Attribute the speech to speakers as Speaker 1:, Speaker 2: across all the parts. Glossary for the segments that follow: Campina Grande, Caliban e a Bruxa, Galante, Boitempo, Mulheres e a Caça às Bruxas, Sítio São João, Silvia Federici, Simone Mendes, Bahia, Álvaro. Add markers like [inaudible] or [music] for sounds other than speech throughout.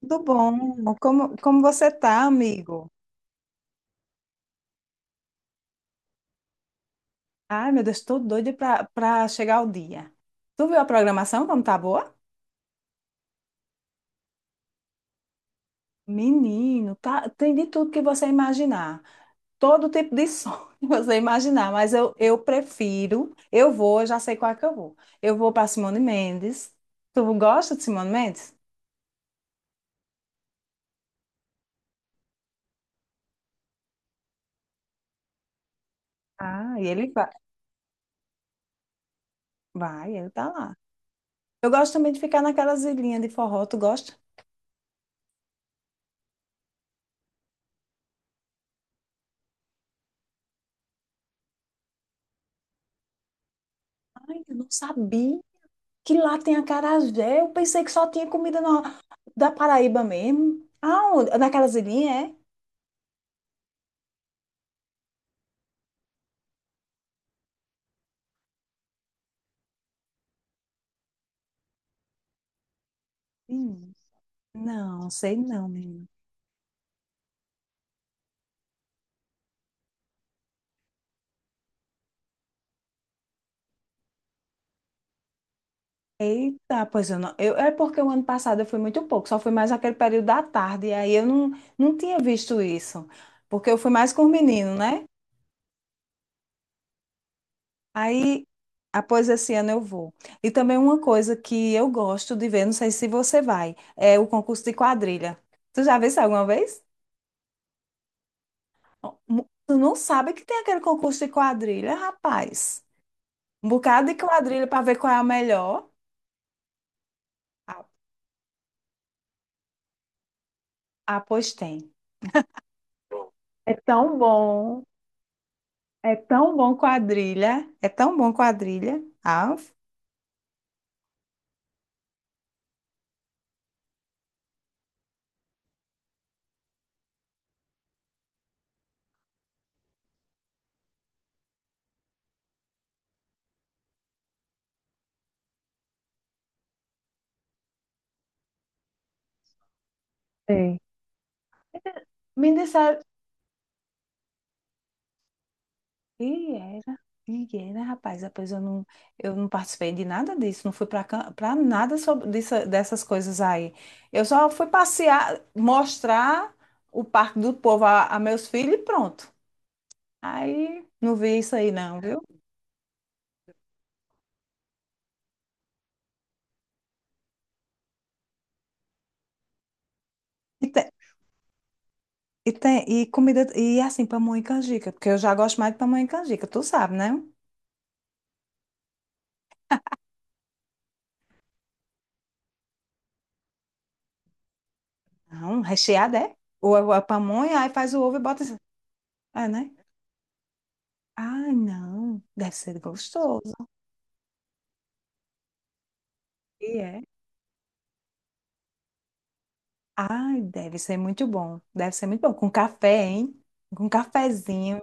Speaker 1: Tudo bom? Como você tá, amigo? Ai, meu Deus, tô doida pra chegar o dia. Tu viu a programação como tá boa? Menino, tá, tem de tudo que você imaginar. Todo tipo de som [laughs] que você imaginar, mas eu prefiro, eu vou, eu já sei qual é que eu vou. Eu vou pra Simone Mendes. Tu gosta de Simone Mendes? Ah, e ele vai. Vai, ele tá lá. Eu gosto também de ficar naquelas ilhinhas de forró, tu gosta? Ai, eu não sabia que lá tem acarajé. Eu pensei que só tinha comida normal. Da Paraíba mesmo? Ah, naquelas ilhinhas, é? Sim. Não, sei não, menina. Eita, pois eu não. Eu, é porque o ano passado eu fui muito pouco, só fui mais aquele período da tarde, e aí eu não, não tinha visto isso, porque eu fui mais com o menino, né? Aí, após esse ano eu vou. E também uma coisa que eu gosto de ver, não sei se você vai, é o concurso de quadrilha. Tu já viu isso alguma vez? Tu não sabe que tem aquele concurso de quadrilha, rapaz. Um bocado de quadrilha para ver qual é a melhor. Ah, ah, pois tem. É tão bom. É tão bom quadrilha. É tão bom quadrilha. Ah. Sei. Me disseram. E era. E era, rapaz. Depois eu não participei de nada disso. Não fui para nada dessas coisas aí. Eu só fui passear, mostrar o Parque do Povo a meus filhos e pronto. Aí não vi isso aí, não, viu? E tem e comida e é assim pamonha e canjica, porque eu já gosto mais de pamonha e canjica, tu sabe, né? Não, recheada é? Ou a pamonha, aí faz o ovo e bota assim. É, né? Ai, não, deve ser gostoso. E é. Ai, deve ser muito bom. Deve ser muito bom com café, hein? Com cafezinho.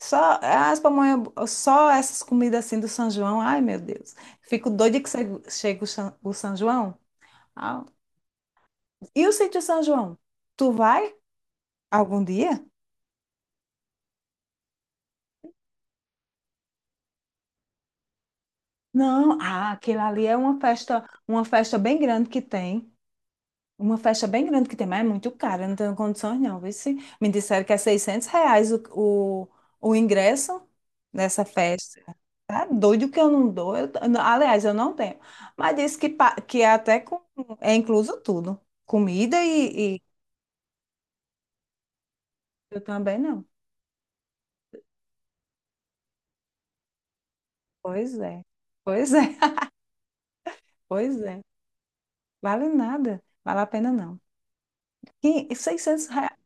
Speaker 1: Só as pamonha, só essas comidas assim do São João. Ai, meu Deus. Fico doida que chega o São João. Ah. E o sítio São João? Tu vai algum dia? Não, ah, aquilo ali é uma festa bem grande que tem. Uma festa bem grande que tem, mas é muito cara, não tenho condições não. Vê se me disseram que é 600 reais o ingresso dessa festa. Tá doido que eu não dou. Eu não- Aliás, eu não tenho. Mas disse que é até com, é incluso tudo. Comida e eu também não. Pois é, pois é, [laughs] pois é. Vale nada, vale a pena não. E 600 reais,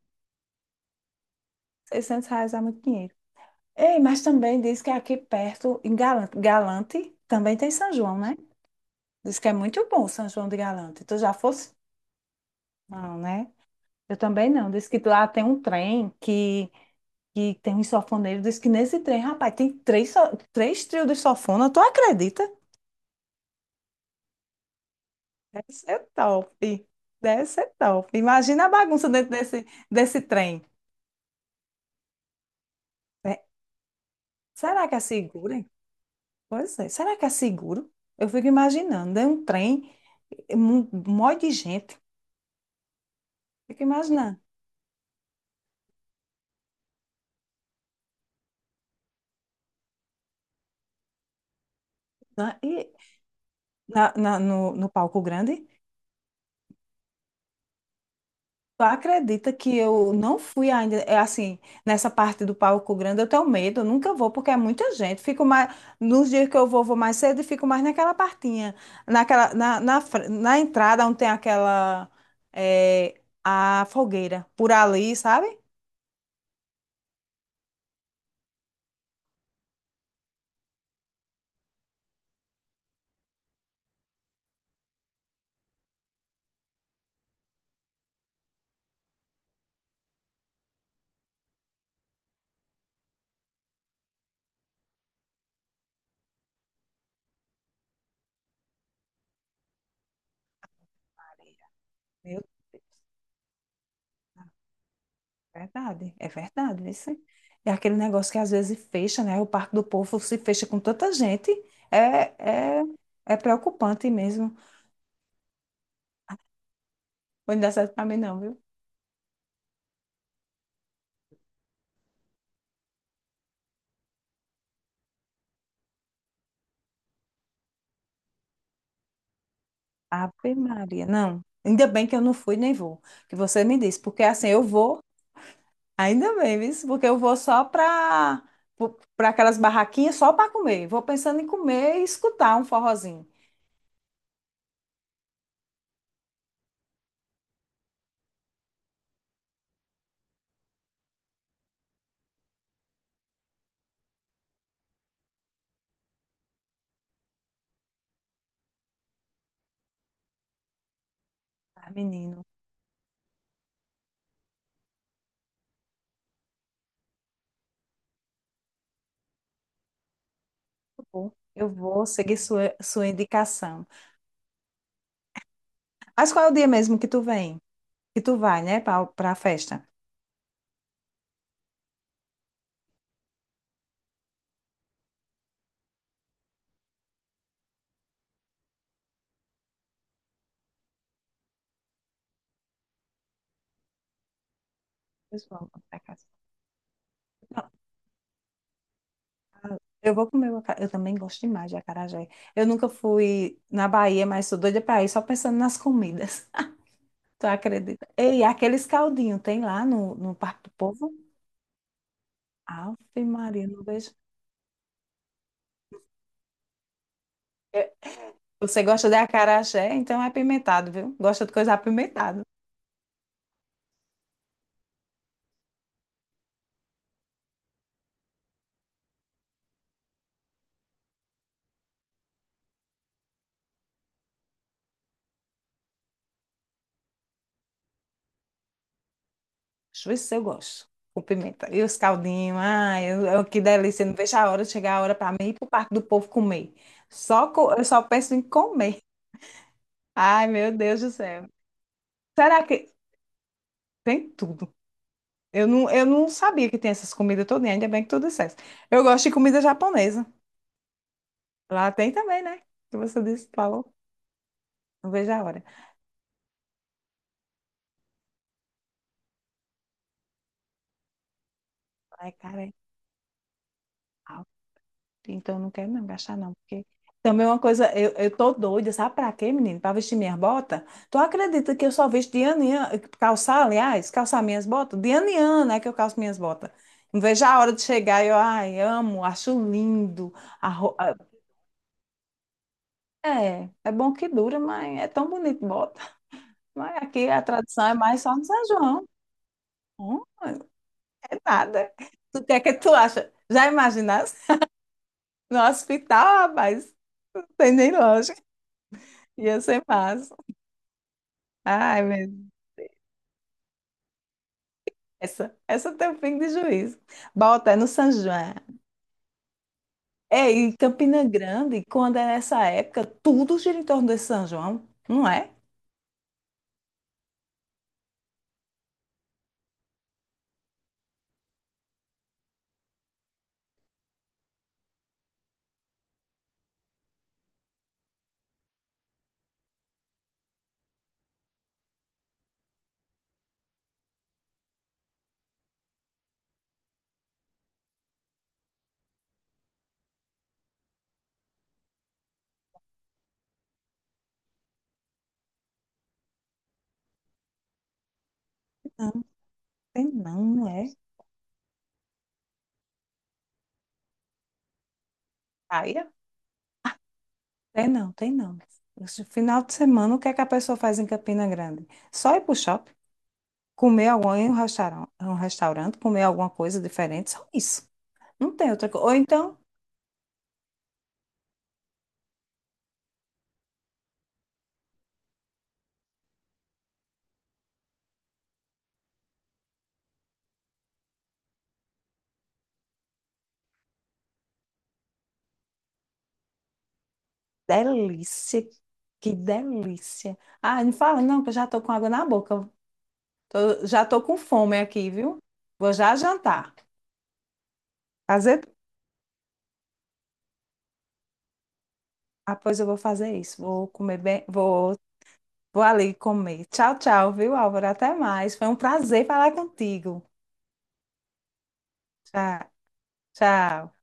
Speaker 1: 600 reais é muito dinheiro. Ei, mas também diz que aqui perto, em Galante, também tem São João, né? Diz que é muito bom São João de Galante. Tu já fosse? Não, né? Eu também não. Diz que lá tem um trem que tem um sofoneiro. Diz que nesse trem, rapaz, tem três trios de sofona. Tu acredita? Deve ser top. Deve ser top. Imagina a bagunça desse trem. É, será que é seguro, hein? Pois é. Será que é seguro? Eu fico imaginando. É um trem, um monte de gente. Fico imaginando. Né? E no palco grande, tu acredita que eu não fui ainda, é assim, nessa parte do palco grande, eu tenho medo, eu nunca vou, porque é muita gente. Fico mais, nos dias que eu vou, vou mais cedo e fico mais naquela partinha, naquela, na, na, fr- na entrada onde tem aquela, é, a fogueira, por ali, sabe? Meu Deus. Verdade, é verdade, isso. É aquele negócio que às vezes fecha, né? O Parque do Povo se fecha com tanta gente, é, é, é preocupante mesmo. Não dá certo pra mim, não, viu? Ave Maria, não. Ainda bem que eu não fui nem vou, que você me disse, porque assim eu vou, ainda bem, viu? Porque eu vou só para aquelas barraquinhas só para comer. Vou pensando em comer e escutar um forrozinho. Ah, menino, eu vou seguir sua indicação. Mas qual é o dia mesmo que tu vem? E tu vai, né, pra festa? Eles vão pra casa. Não, eu vou comer o acarajé. Eu também gosto demais de acarajé. Eu nunca fui na Bahia, mas sou doida pra ir só pensando nas comidas. [laughs] Tu acredita? Ei, aqueles caldinhos tem lá no Parque do Povo? Ave Maria, não vejo. É, você gosta de acarajé? Então é apimentado, viu? Gosta de coisa apimentada. Deixa eu ver se eu gosto. Com pimenta. E os caldinhos, ai, que delícia. Não vejo a hora de chegar a hora para mim ir pro Parque do Povo comer. Eu só penso em comer. Ai, meu Deus do céu. Será que tem tudo? Eu não sabia que tem essas comidas todas, ainda bem que tu disseste. Eu gosto de comida japonesa. Lá tem também, né? Que você disse, falou. Não vejo a hora. Ai, cara, é alto. Então eu não quero não gastar, não. Porque também é uma coisa, eu tô doida, sabe pra quê, menino? Pra vestir minhas botas? Tu acredita que eu só visto de ano em ano, calçar, aliás, calçar minhas botas? De ano em ano é que eu calço minhas botas. Não vejo a hora de chegar eu, ai, amo, acho lindo. É, é bom que dura, mas é tão bonito, bota. [laughs] Mas aqui a tradição é mais só no São João. Hum, é nada. Tu o que é que tu acha? Já imaginaste? No hospital, rapaz, não tem nem lógica. Ia ser massa. Ai, meu Deus. Essa tem um pingo de juízo. Bota, é no São João. É, e Campina Grande, quando é nessa época, tudo gira em torno desse São João, não é? Não, tem não, não é? Aí é Tem não, tem não. Esse final de semana, o que é que a pessoa faz em Campina Grande? Só ir pro shopping, comer algum, em um um restaurante, comer alguma coisa diferente, só isso. Não tem outra coisa. Ou então, delícia, que delícia. Ah, não fala não, que eu já tô com água na boca. Já tô com fome aqui, viu? Vou já jantar. Fazer? Ah, pois eu vou fazer isso. Vou ali comer. Tchau, tchau, viu, Álvaro? Até mais. Foi um prazer falar contigo. Tchau, tchau.